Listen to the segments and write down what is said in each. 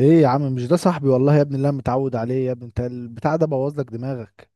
ايه يا عم! مش ده صاحبي والله يا ابني اللي انا متعود عليه؟ يا ابني انت البتاع ده بوظ لك دماغك.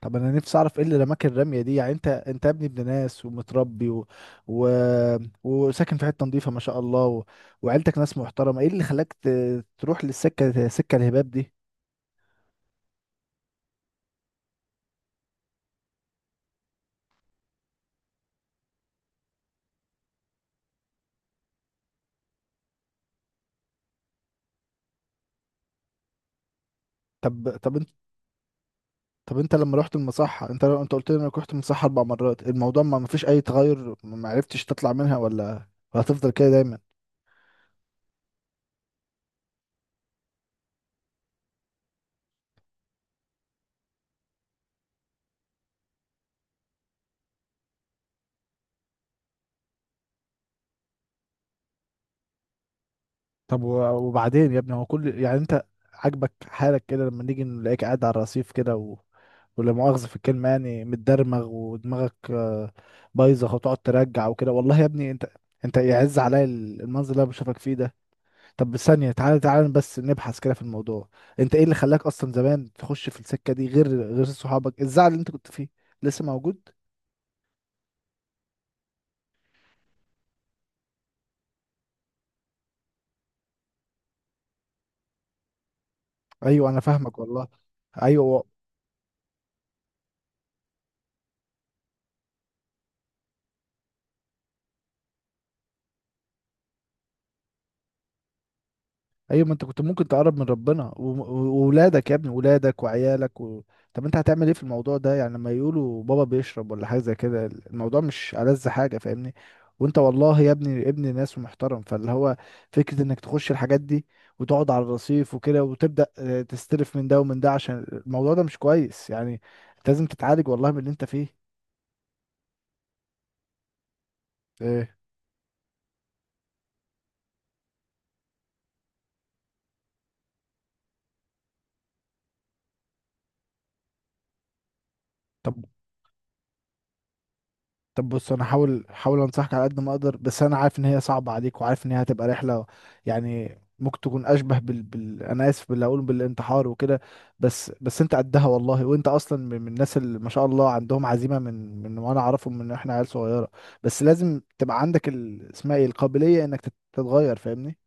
طب انا نفسي اعرف ايه اللي رماك الرميه دي؟ يعني انت يا ابني ابن ناس ومتربي و... وساكن في حته نظيفه ما شاء الله وعيلتك ناس محترمه، ايه اللي خلاك تروح سكه الهباب دي؟ طب طب انت طب انت لما رحت المصحه، انت قلت لي انك رحت المصحه اربع مرات، الموضوع ما فيش اي تغير، ما عرفتش تطلع منها؟ ولا هتفضل كده دايما؟ طب وبعدين يا ابني، هو يعني انت عاجبك حالك كده لما نيجي نلاقيك قاعد على الرصيف كده ولا مؤاخذة في الكلمة يعني متدرمغ، ودماغك بايظة، وتقعد ترجع وكده. والله يا ابني، انت يعز عليا المنظر اللي انا بشوفك فيه ده. طب، ثانية، تعالى تعالى بس نبحث كده في الموضوع. انت ايه اللي خلاك اصلا زمان تخش في السكة دي غير صحابك؟ الزعل اللي انت كنت فيه لسه موجود؟ ايوه انا فاهمك والله. ايوه. ايوه، ما انت كنت ممكن تقرب من ربنا وولادك يا ابني، ولادك وعيالك طب انت هتعمل ايه في الموضوع ده؟ يعني لما يقولوا بابا بيشرب ولا حاجه زي كده، الموضوع مش ألذ حاجه فاهمني. وانت والله يا ابني ابن ناس ومحترم، فاللي هو، فكره انك تخش الحاجات دي وتقعد على الرصيف وكده، وتبدا تستلف من ده ومن ده، عشان الموضوع ده مش كويس يعني. انت لازم تتعالج والله من اللي انت فيه. ايه؟ طب طب بص، انا هحاول انصحك على قد ما اقدر، بس انا عارف ان هي صعبه عليك، وعارف ان هي هتبقى رحله. يعني ممكن تكون اشبه انا اسف، باللي اقول بالانتحار وكده. بس انت قدها والله، وانت اصلا من الناس اللي ما شاء الله عندهم عزيمه من من وانا اعرفهم من احنا عيال صغيره. بس لازم تبقى عندك اسمها ايه، القابليه انك تتغير فاهمني.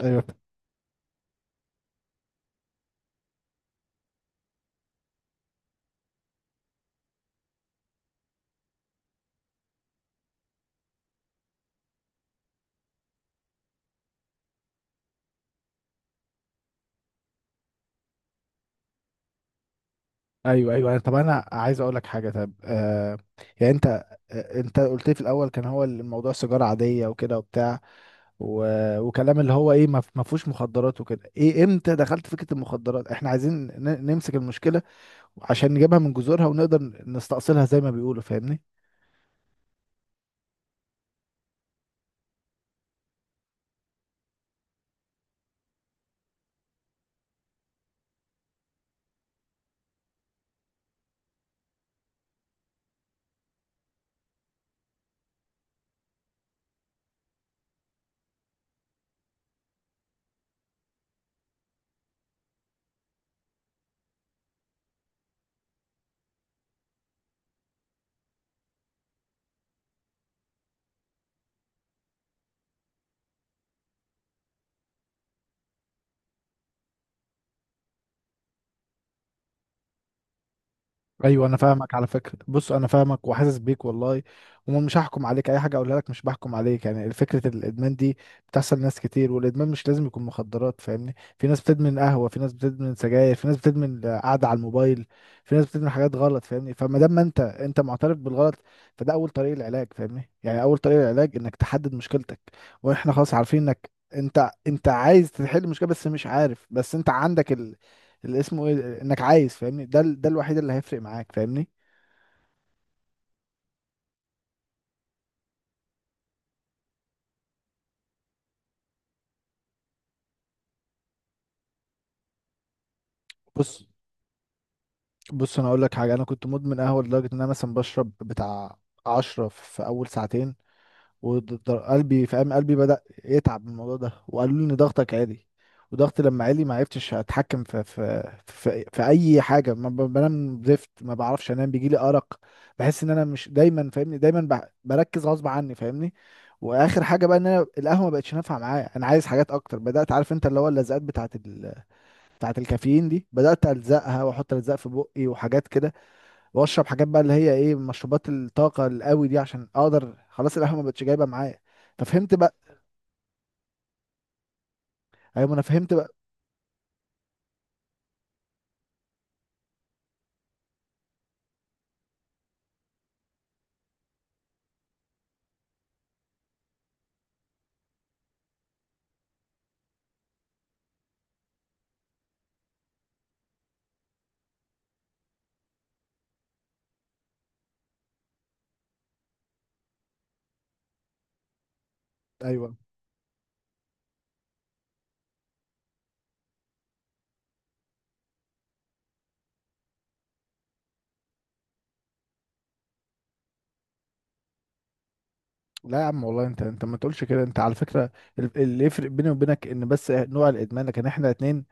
ايوه. ايوه. ايوه. طب انا عايز اقول لك حاجه. طب يعني انت قلت لي في الاول كان هو الموضوع سيجاره عاديه وكده وبتاع و... وكلام، اللي هو ايه، ما فيهوش مخدرات وكده. ايه امتى دخلت فكرة المخدرات؟ احنا عايزين نمسك المشكلة عشان نجيبها من جذورها، ونقدر نستأصلها زي ما بيقولوا فاهمني. ايوه انا فاهمك على فكره. بص انا فاهمك وحاسس بيك والله، ومش هحكم عليك، اي حاجه اقولها لك مش بحكم عليك. يعني فكره الادمان دي بتحصل ناس كتير، والادمان مش لازم يكون مخدرات فاهمني. في ناس بتدمن قهوه، في ناس بتدمن سجاير، في ناس بتدمن قعده على الموبايل، في ناس بتدمن حاجات غلط فاهمني. فما دام ما انت معترف بالغلط، فده اول طريق العلاج فاهمني. يعني اول طريق العلاج انك تحدد مشكلتك. واحنا خلاص عارفين انك انت عايز تحل المشكله، بس مش عارف. بس انت عندك اللي اسمه ايه، انك عايز، فاهمني؟ ده ده الوحيد اللي هيفرق معاك فاهمني. بص بص انا اقول لك حاجه. انا كنت مدمن قهوه لدرجه ان انا مثلا بشرب بتاع 10 في اول ساعتين. وقلبي، فاهم، قلبي بدأ يتعب من الموضوع ده، وقالوا لي ان ضغطك عالي. وضغطي لما عالي ما عرفتش اتحكم في اي حاجه. ما بنام زفت، ما بعرفش انام، بيجي لي ارق. بحس ان انا مش دايما فاهمني، دايما بركز غصب عني فاهمني. واخر حاجه بقى، ان انا القهوه ما بقتش نافعه معايا، انا عايز حاجات اكتر. بدات، عارف انت، اللي هو اللزقات بتاعه الكافيين دي، بدات الزقها واحط الزق في بقي وحاجات كده. واشرب حاجات بقى اللي هي ايه، مشروبات الطاقه القوي دي، عشان اقدر، خلاص القهوه ما بقتش جايبه معايا. ففهمت بقى. ايوه انا فهمت بقى. ايوه. لا يا عم والله، انت ما تقولش كده. انت على فكره اللي يفرق بيني وبينك ان بس نوع الادمان، لكن احنا اتنين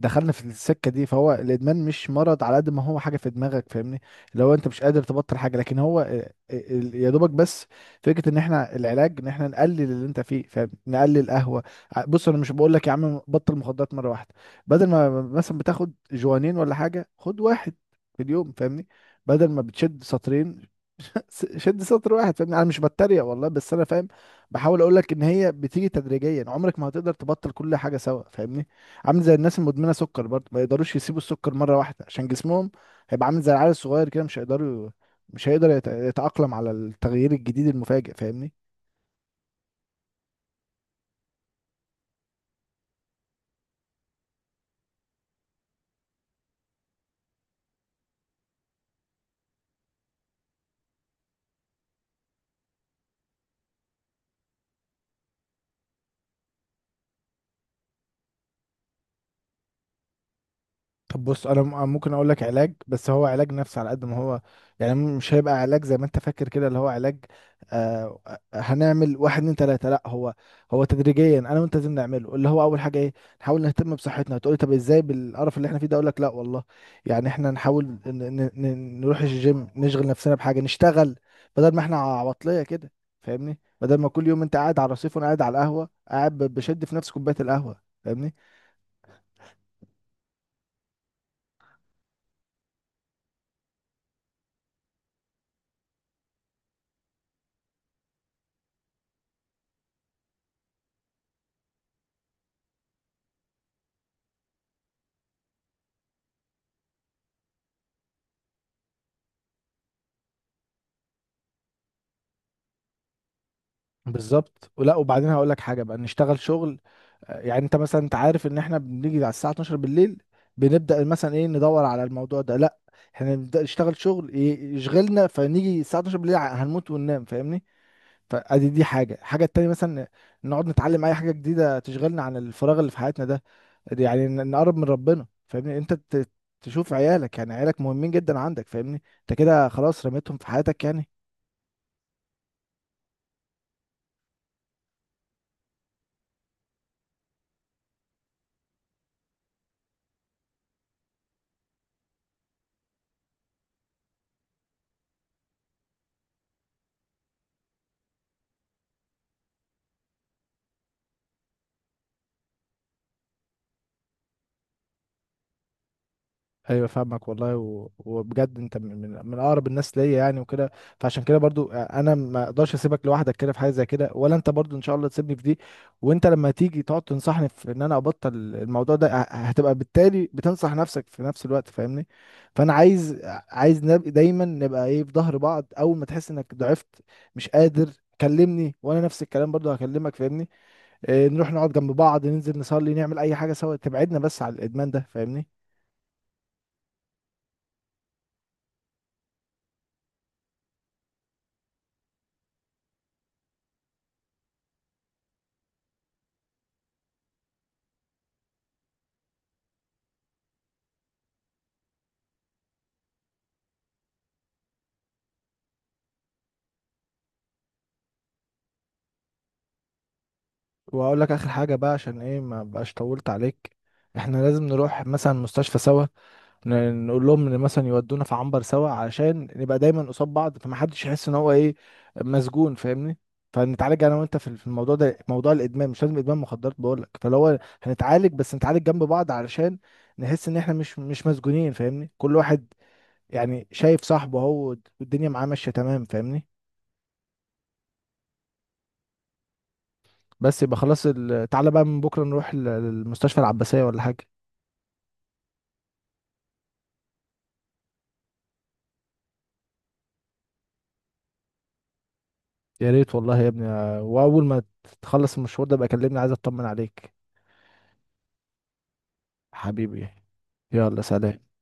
دخلنا في السكه دي. فهو الادمان مش مرض، على قد ما هو حاجه في دماغك فاهمني. لو انت مش قادر تبطل حاجه، لكن هو يا دوبك بس فكره ان احنا العلاج ان احنا نقلل اللي انت فيه، فاهم؟ نقلل قهوه. بص انا مش بقول لك يا عم بطل مخدرات مره واحده. بدل ما مثلا بتاخد جوانين ولا حاجه، خد واحد في اليوم فاهمني. بدل ما بتشد سطرين، شد سطر واحد فاهمني. انا مش بتريق والله، بس انا فاهم، بحاول اقول لك ان هي بتيجي تدريجيا، عمرك ما هتقدر تبطل كل حاجه سوا فاهمني. عامل زي الناس المدمنه سكر برضه، ما يقدروش يسيبوا السكر مره واحده، عشان جسمهم هيبقى عامل زي العيال الصغير كده، مش هيقدر يتأقلم على التغيير الجديد المفاجئ فاهمني. طب بص، انا ممكن اقول لك علاج، بس هو علاج نفسي على قد ما هو. يعني مش هيبقى علاج زي ما انت فاكر كده اللي هو علاج، آه هنعمل واحد اتنين تلاته، لا. هو تدريجيا انا وانت لازم نعمله. اللي هو اول حاجه ايه؟ نحاول نهتم بصحتنا. هتقولي طب ازاي بالقرف اللي احنا فيه ده؟ اقول لك لا والله. يعني احنا نحاول نروح الجيم، نشغل نفسنا بحاجه، نشتغل، بدل ما احنا عواطليه كده فاهمني. بدل ما كل يوم انت قاعد على الرصيف وانا قاعد على القهوه، قاعد بشد في نفس كوبايه القهوه فاهمني. بالظبط. ولا وبعدين هقول لك حاجه بقى، نشتغل شغل يعني انت مثلا، انت عارف ان احنا بنيجي على الساعه 12 بالليل، بنبدا مثلا ايه، ندور على الموضوع ده، لا. احنا نبدا نشتغل شغل يشغلنا، فنيجي الساعه 12 بالليل، هنموت وننام فاهمني. فادي دي حاجه. الحاجه التانيه مثلا، نقعد نتعلم اي حاجه جديده تشغلنا عن الفراغ اللي في حياتنا ده. دي يعني نقرب من ربنا فاهمني. انت تشوف عيالك، يعني عيالك مهمين جدا عندك فاهمني، انت كده خلاص رميتهم في حياتك يعني. ايوه فاهمك والله وبجد انت من اقرب الناس ليا يعني وكده. فعشان كده برضو انا ما اقدرش اسيبك لوحدك كده في حاجه زي كده، ولا انت برضو ان شاء الله تسيبني في دي. وانت لما تيجي تقعد تنصحني في ان انا ابطل الموضوع ده، هتبقى بالتالي بتنصح نفسك في نفس الوقت فاهمني. فانا عايز، نبقى دايما، نبقى ايه، في ظهر بعض. اول ما تحس انك ضعفت، مش قادر، كلمني. وانا نفس الكلام برضو هكلمك فاهمني. إيه، نروح نقعد جنب بعض، ننزل نصلي، نعمل اي حاجه سوا تبعدنا بس على الادمان ده فاهمني. واقول لك اخر حاجه بقى عشان ايه ما بقاش طولت عليك. احنا لازم نروح مثلا مستشفى سوا، نقول لهم ان مثلا يودونا في عنبر سوا، عشان نبقى دايما قصاد بعض، فمحدش يحس ان هو ايه، مسجون فاهمني. فنتعالج انا وانت في الموضوع ده، موضوع الادمان. مش لازم ادمان مخدرات بقول لك، فلو هو هنتعالج، بس نتعالج جنب بعض، علشان نحس ان احنا مش مسجونين فاهمني، كل واحد يعني شايف صاحبه، هو والدنيا معاه ماشيه تمام فاهمني. بس يبقى خلاص تعالى بقى من بكره نروح للمستشفى العباسيه ولا حاجه. يا ريت والله يا ابني. واول ما تخلص المشوار ده بقى كلمني، عايز اطمن عليك. حبيبي، يلا سلام.